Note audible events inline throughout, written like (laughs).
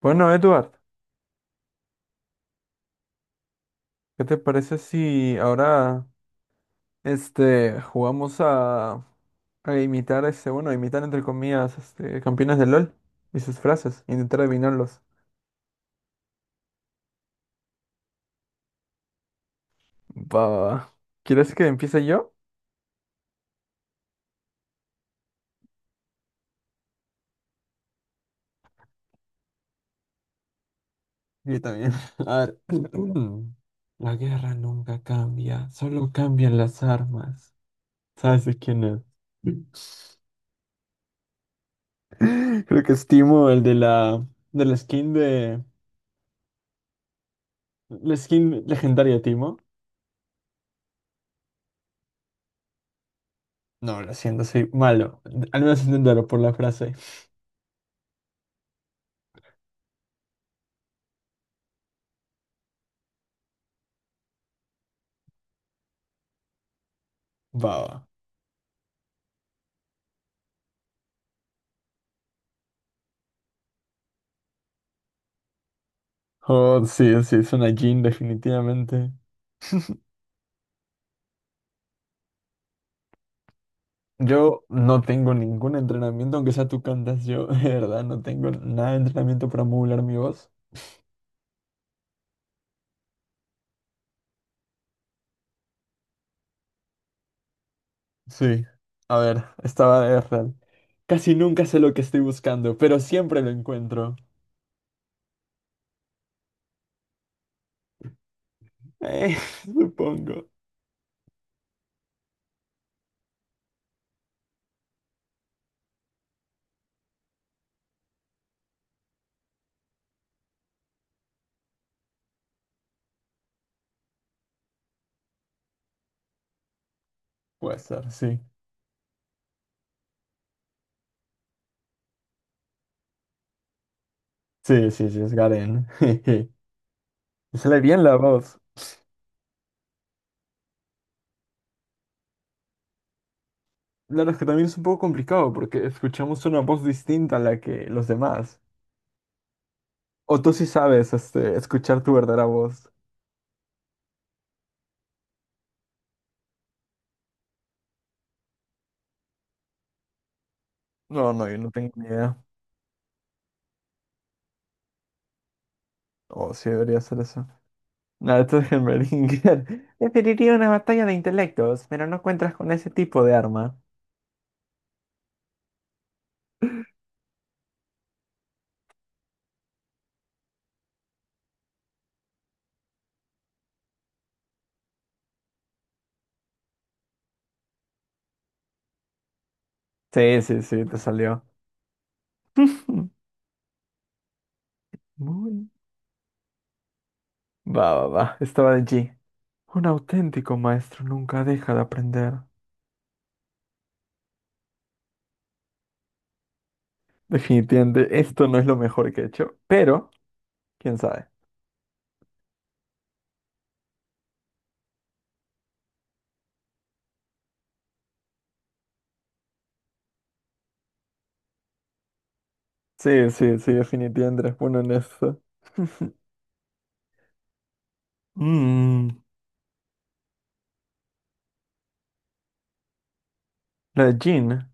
Bueno, Edward, ¿qué te parece si ahora jugamos a imitar bueno, a imitar entre comillas, campeones de LOL y sus frases, intentar adivinarlos? Va, va, va. ¿Quieres que empiece yo? Yo también. (laughs) A ver. (clears throat) La guerra nunca cambia, solo cambian las armas. ¿Sabes de quién es? (clears throat) (laughs) Creo que es Timo, el de la skin de... La skin legendaria, de Timo. No, lo siento, soy malo. Al menos intentarlo por la frase. Baba. Oh, sí, sí, es una jean, definitivamente. Yo no tengo ningún entrenamiento, aunque sea tú cantas, yo (laughs) de verdad no tengo nada de entrenamiento para modular mi voz. Sí. A ver, estaba de real. Casi nunca sé lo que estoy buscando, pero siempre lo encuentro. Eh, (laughs) supongo. Puede ser, sí. Sí, sí, sí, es Garen. (laughs) Me sale bien la voz. Claro, es que también es un poco complicado porque escuchamos una voz distinta a la que los demás. O tú sí sabes, escuchar tu verdadera voz. No, no, yo no tengo ni idea. O sí debería ser eso. Nada, esto es en Beringer. (laughs) Preferiría una batalla de intelectos, pero no cuentas con ese tipo de arma. Sí, sí, sí, te salió. (laughs) Muy. Va, va, va. Estaba de G. Un auténtico maestro nunca deja de aprender. Definitivamente, esto no es lo mejor que he hecho, pero quién sabe. Sí, sí, sí, definitivamente eres bueno en eso. (laughs) Mm, la de Jean.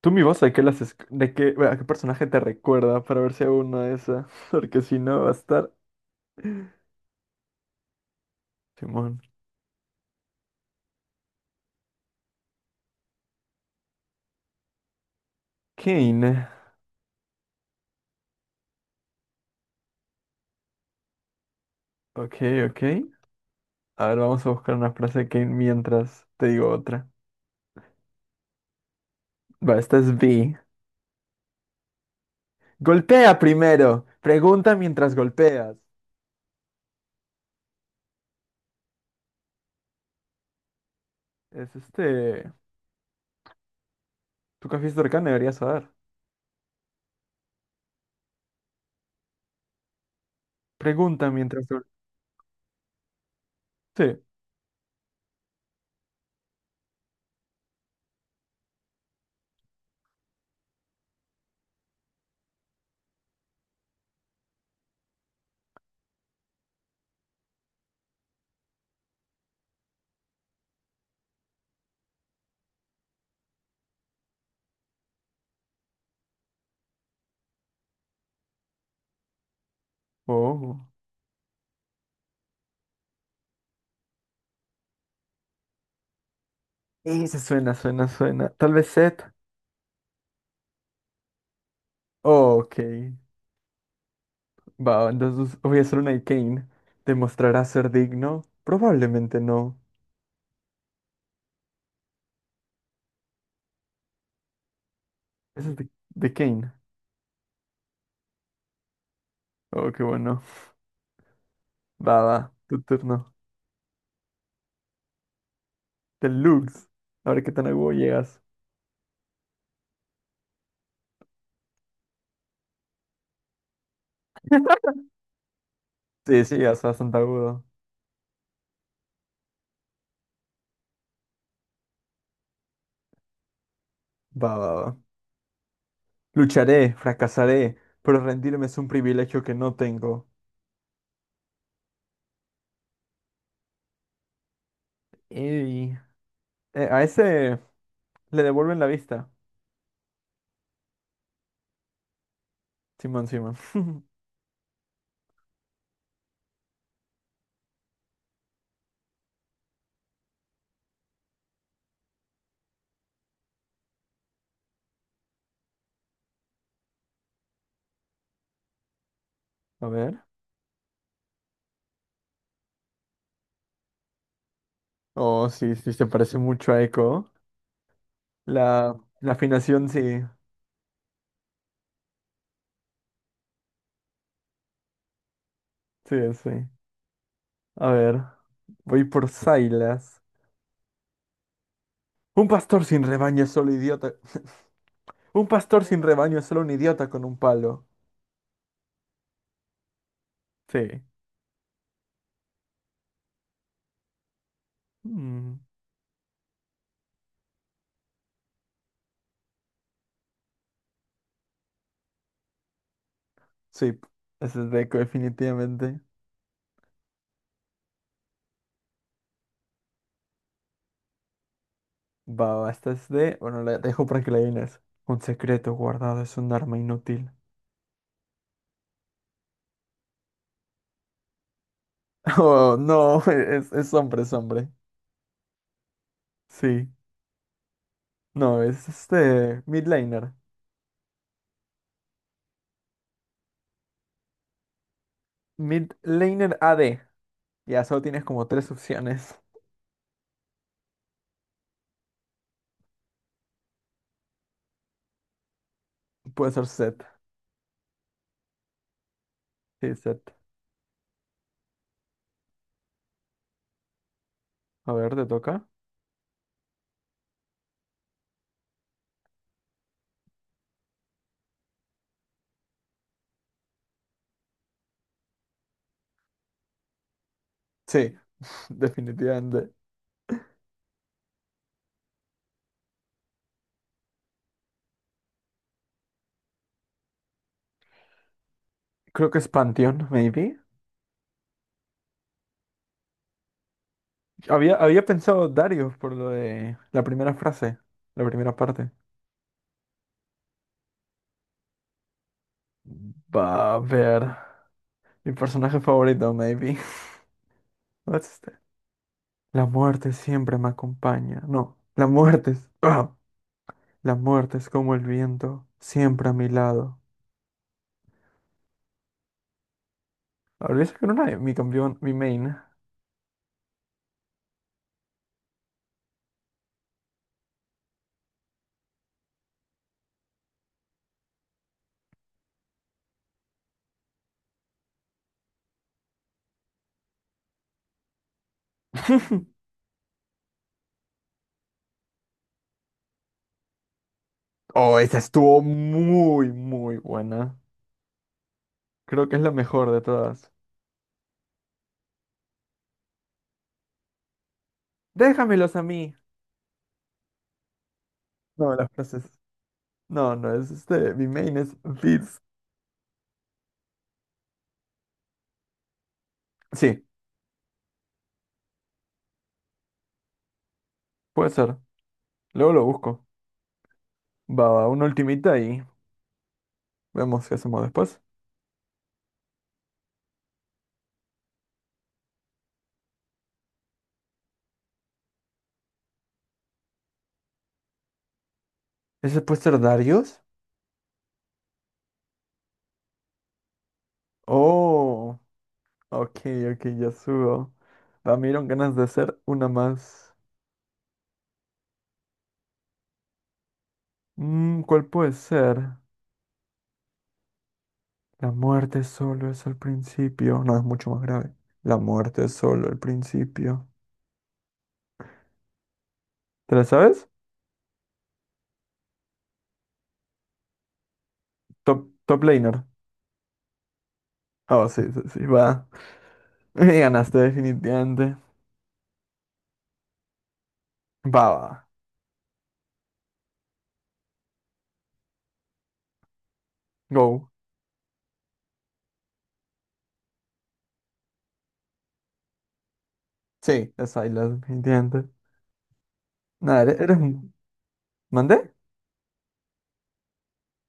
Tú mi voz, ¿de qué las esc- de qué, bueno, ¿a qué personaje te recuerda para ver si hago una de esas? (laughs) Porque si no va a estar. Simón. Kane. Ok, ok. A ver, vamos a buscar una frase de Kane mientras te digo otra. Va, esta es B. Golpea primero. Pregunta mientras golpeas. Es este. Tu café de debería deberías saber. Pregunta mientras golpeas. Sí. Oh. Ese suena, suena, suena. Tal vez Seth. Oh, ok. Va, entonces voy a hacer una de Kane. ¿Demostrará ser digno? Probablemente no. Ese es de Kane. Oh, qué bueno. Va, va. Tu turno. Deluxe. A ver qué tan agudo llegas. Sí, sí, llegas bastante agudo. Va, va, va. Lucharé, fracasaré, pero rendirme es un privilegio que no tengo. Ey. A ese le devuelven la vista. Simón, Simón. (laughs) A ver. Oh, sí, sí, se parece mucho a Echo. La, la afinación sí, sí, sí. A ver, voy por Silas. Un pastor sin rebaño es solo idiota. (laughs) Un pastor sin rebaño es solo un idiota con un palo. Sí. Mm, sí, ese es Deco, definitivamente. Va, va, esta es de. Bueno, la dejo para que la adivines. Un secreto guardado es un arma inútil. (laughs) Oh, no, es hombre, es hombre. Sí. No, es este. Midlaner. Midlaner A D. Ya solo tienes como tres opciones. Puede ser Set. Sí, Set. A ver, ¿te toca? Sí, (laughs) definitivamente. Creo que es Panteón, maybe. Había, había pensado Dario por lo de la primera frase, la primera parte. Va a ver. Mi personaje favorito, maybe. (laughs) What's este? La muerte siempre me acompaña. No, la muerte es. (laughs) (clears throat) ¡Ah! La muerte es como el viento, siempre a mi lado. Habría que era una de mi campeón, mi main. (laughs) Oh, esa estuvo muy, muy buena. Creo que es la mejor de todas. Déjamelos a mí. No, las frases. No, no, es este. Mi main es this. Sí, puede ser. Luego lo busco. Va, va, una ultimita y vemos qué hacemos después. ¿Ese puede ser Darius? Oh, ok, ok, ya subo. Va, me dieron ganas de hacer una más. Mm, ¿cuál puede ser? La muerte solo es el principio. No, es mucho más grave. La muerte es solo el principio. ¿Te la sabes? Top, top laner. Ah, sí, sí, sí, va. (laughs) Me ganaste definitivamente. Va, va. Go. Sí, es Isla, definitivamente. Nada, eres, ¿Mandé?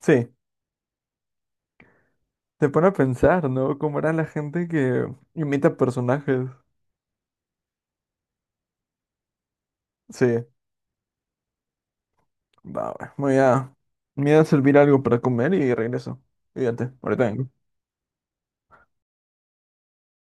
Sí. Te pone a pensar, ¿no? Cómo era la gente que imita personajes. Sí. Va, va. Voy a... Me voy a servir algo para comer y regreso. Fíjate, ahorita vengo.